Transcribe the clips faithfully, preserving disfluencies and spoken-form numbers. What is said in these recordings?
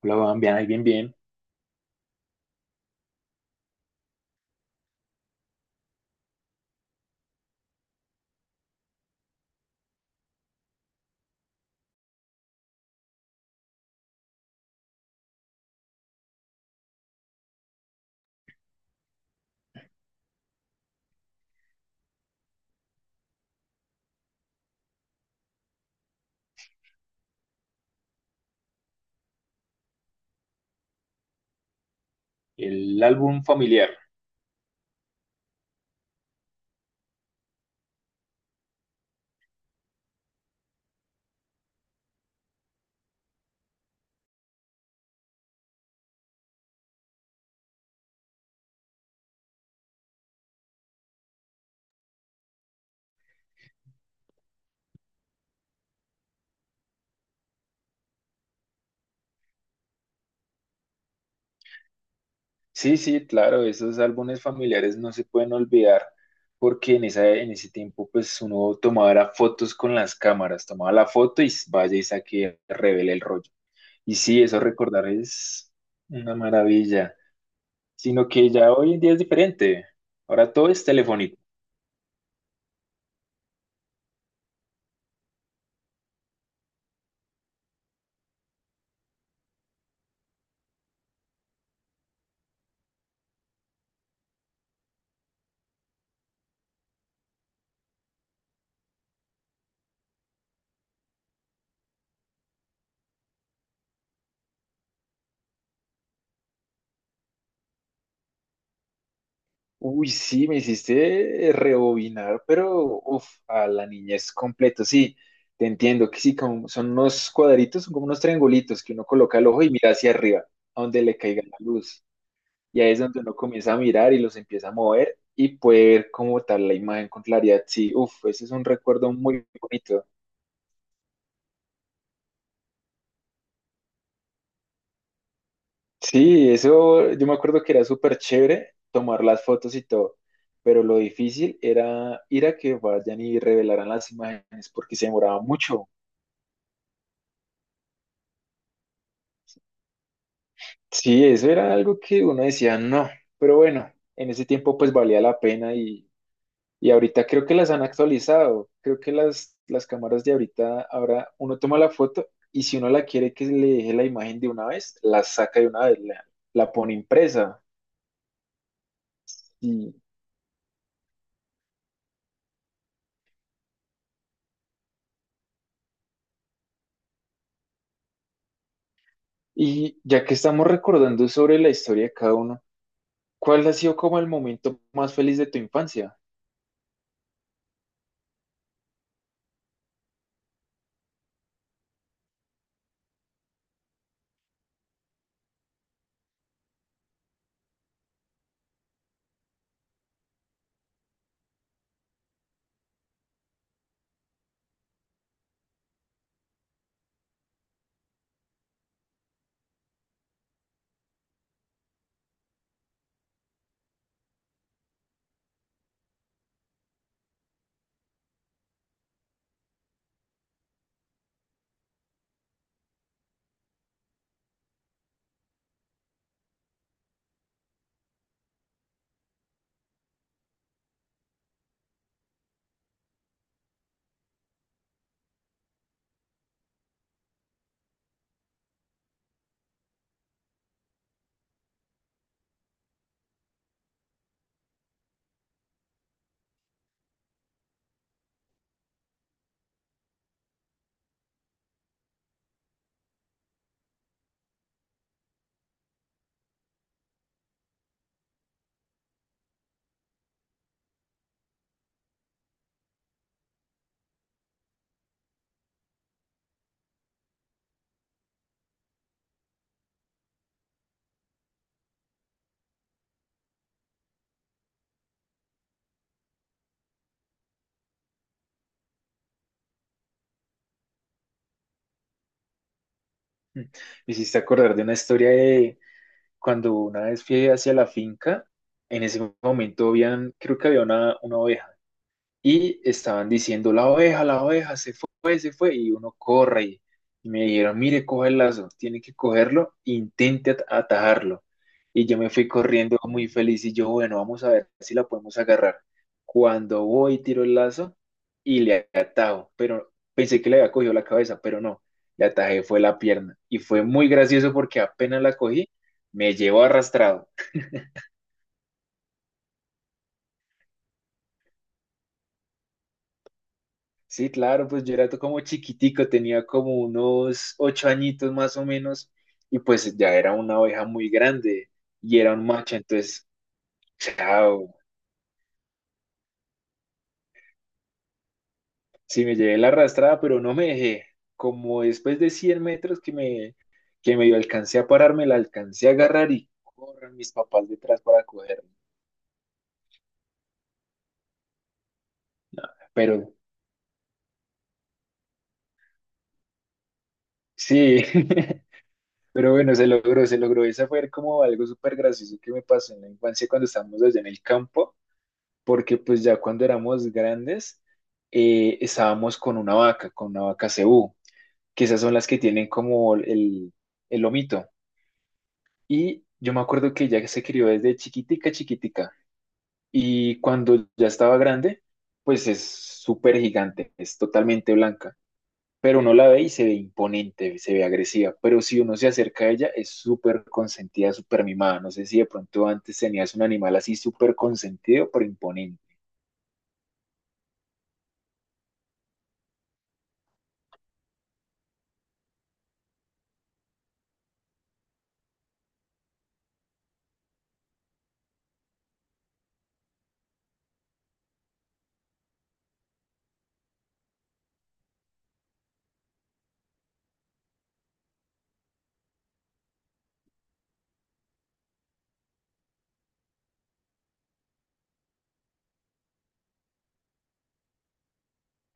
Hola, Juan, bien, ahí, bien, bien. El álbum familiar. Sí, sí, claro, esos álbumes familiares no se pueden olvidar porque en, esa, en ese tiempo pues uno tomaba era fotos con las cámaras, tomaba la foto y vaya y saque, revele el rollo. Y sí, eso recordar es una maravilla, sino que ya hoy en día es diferente. Ahora todo es telefónico. Uy, sí, me hiciste rebobinar, pero uf, a la niñez completo, sí, te entiendo, que sí, como son unos cuadritos, son como unos triangulitos que uno coloca el ojo y mira hacia arriba, a donde le caiga la luz, y ahí es donde uno comienza a mirar y los empieza a mover y puede ver como tal la imagen con claridad, sí, uf, ese es un recuerdo muy bonito. Sí, eso yo me acuerdo que era súper chévere tomar las fotos y todo, pero lo difícil era ir a que vayan y revelaran las imágenes porque se demoraba mucho. Sí, eso era algo que uno decía, no, pero bueno, en ese tiempo pues valía la pena y, y ahorita creo que las han actualizado, creo que las, las cámaras de ahorita, ahora uno toma la foto y si uno la quiere que le deje la imagen de una vez, la saca de una vez, la, la pone impresa. Y, y ya que estamos recordando sobre la historia de cada uno, ¿cuál ha sido como el momento más feliz de tu infancia? Mm, Me hiciste acordar de una historia cuando una vez fui hacia la finca, en ese momento habían, creo que había una, una oveja. Y estaban diciendo, la oveja, la oveja, se fue, se fue. Y uno corre y, y me dijeron, mire, coge el lazo, tiene que cogerlo, intente at- atajarlo. Y yo me fui corriendo muy feliz y yo, bueno, vamos a ver si la podemos agarrar. Cuando voy, tiro el lazo y le atajo, pero pensé que le había cogido la cabeza, pero no, le atajé fue la pierna. Y fue muy gracioso porque apenas la cogí, me llevó arrastrado. Sí, claro, pues yo era to- como chiquitico, tenía como unos ocho añitos más o menos, y pues ya era una oveja muy grande y era un macho, entonces, chao, sí me llevé la arrastrada, pero no me dejé. Como después de cien metros que me, que medio alcancé a pararme, la alcancé a agarrar y corren mis papás detrás para cogerla. Pero sí, pero bueno, se logró, se logró. Esa fue como algo súper gracioso que me pasó en la infancia cuando estábamos allá en el campo porque pues ya cuando éramos grandes eh, estábamos con una vaca, con una vaca cebú, que esas son las que tienen como el, el lomito. Y yo me acuerdo que ella se crió desde chiquitica, chiquitica. Y cuando ya estaba grande, pues es súper gigante, es totalmente blanca. Pero uno la ve y se ve imponente, se ve agresiva. Pero si uno se acerca a ella, es súper consentida, súper mimada. No sé si de pronto antes tenías un animal así súper consentido, pero imponente.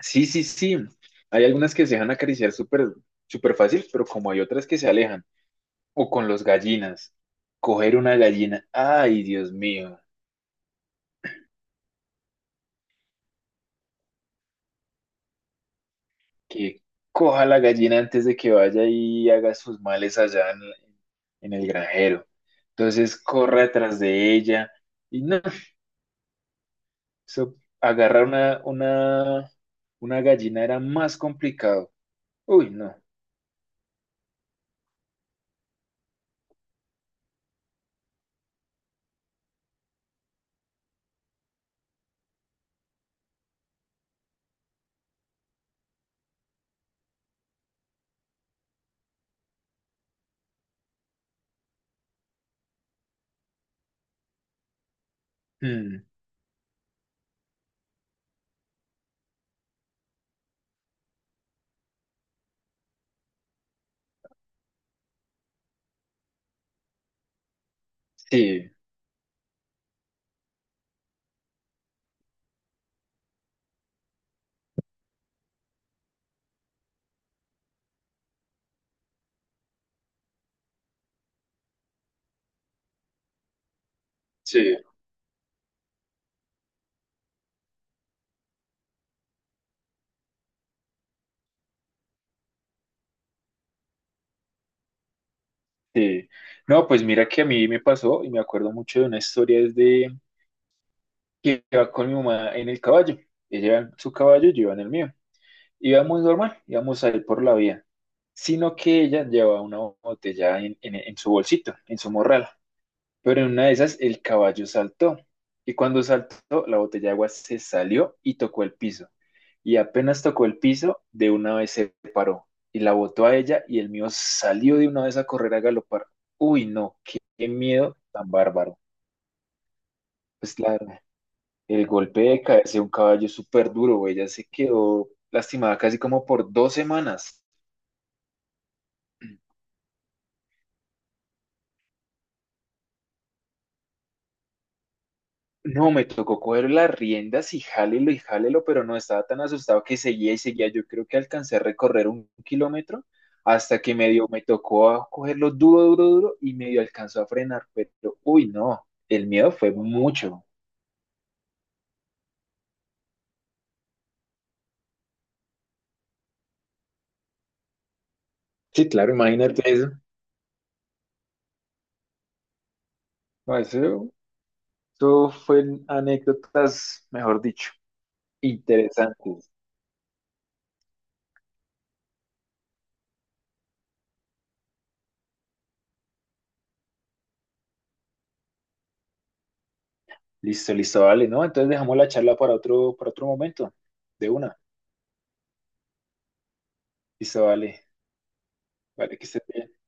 Sí, sí, sí. Hay algunas que se dejan acariciar súper, súper fácil, pero como hay otras que se alejan. O con los gallinas. Coger una gallina. Ay, Dios mío. Que coja la gallina antes de que vaya y haga sus males allá en, en el granjero. Entonces corre atrás de ella. Y no, eso, agarrar una, una, una gallina era más complicado. Uy, no. Mm, sí, sí. Sí. No, pues mira que a mí me pasó y me acuerdo mucho de una historia desde que iba con mi mamá en el caballo. Ella iba en su caballo, yo iba en el mío. Íbamos normal, íbamos a ir por la vía, sino que ella llevaba una botella en, en- en su bolsito, en su morral. Pero en una de esas el caballo saltó y cuando saltó la botella de agua se salió y tocó el piso. Y apenas tocó el piso, de una vez se paró y la botó a ella y el mío salió de una vez a correr a galopar. Uy, no, qué, qué miedo tan bárbaro. Pues claro el golpe de caerse de un caballo es súper duro, ella se quedó lastimada casi como por dos semanas. No, me tocó coger las riendas y jálelo y jálelo, pero no estaba tan asustado que seguía y seguía. Yo creo que alcancé a recorrer un kilómetro hasta que medio me tocó a cogerlo duro, duro, duro y medio alcanzó a frenar. Pero, uy, no, el miedo fue mucho. Sí, claro, imagínate eso. No, Eso, eso fue anécdotas, mejor dicho, interesantes. Listo, listo, vale, ¿no? Entonces dejamos la charla para otro, para otro momento, de una. Listo, vale, vale, que estés bien.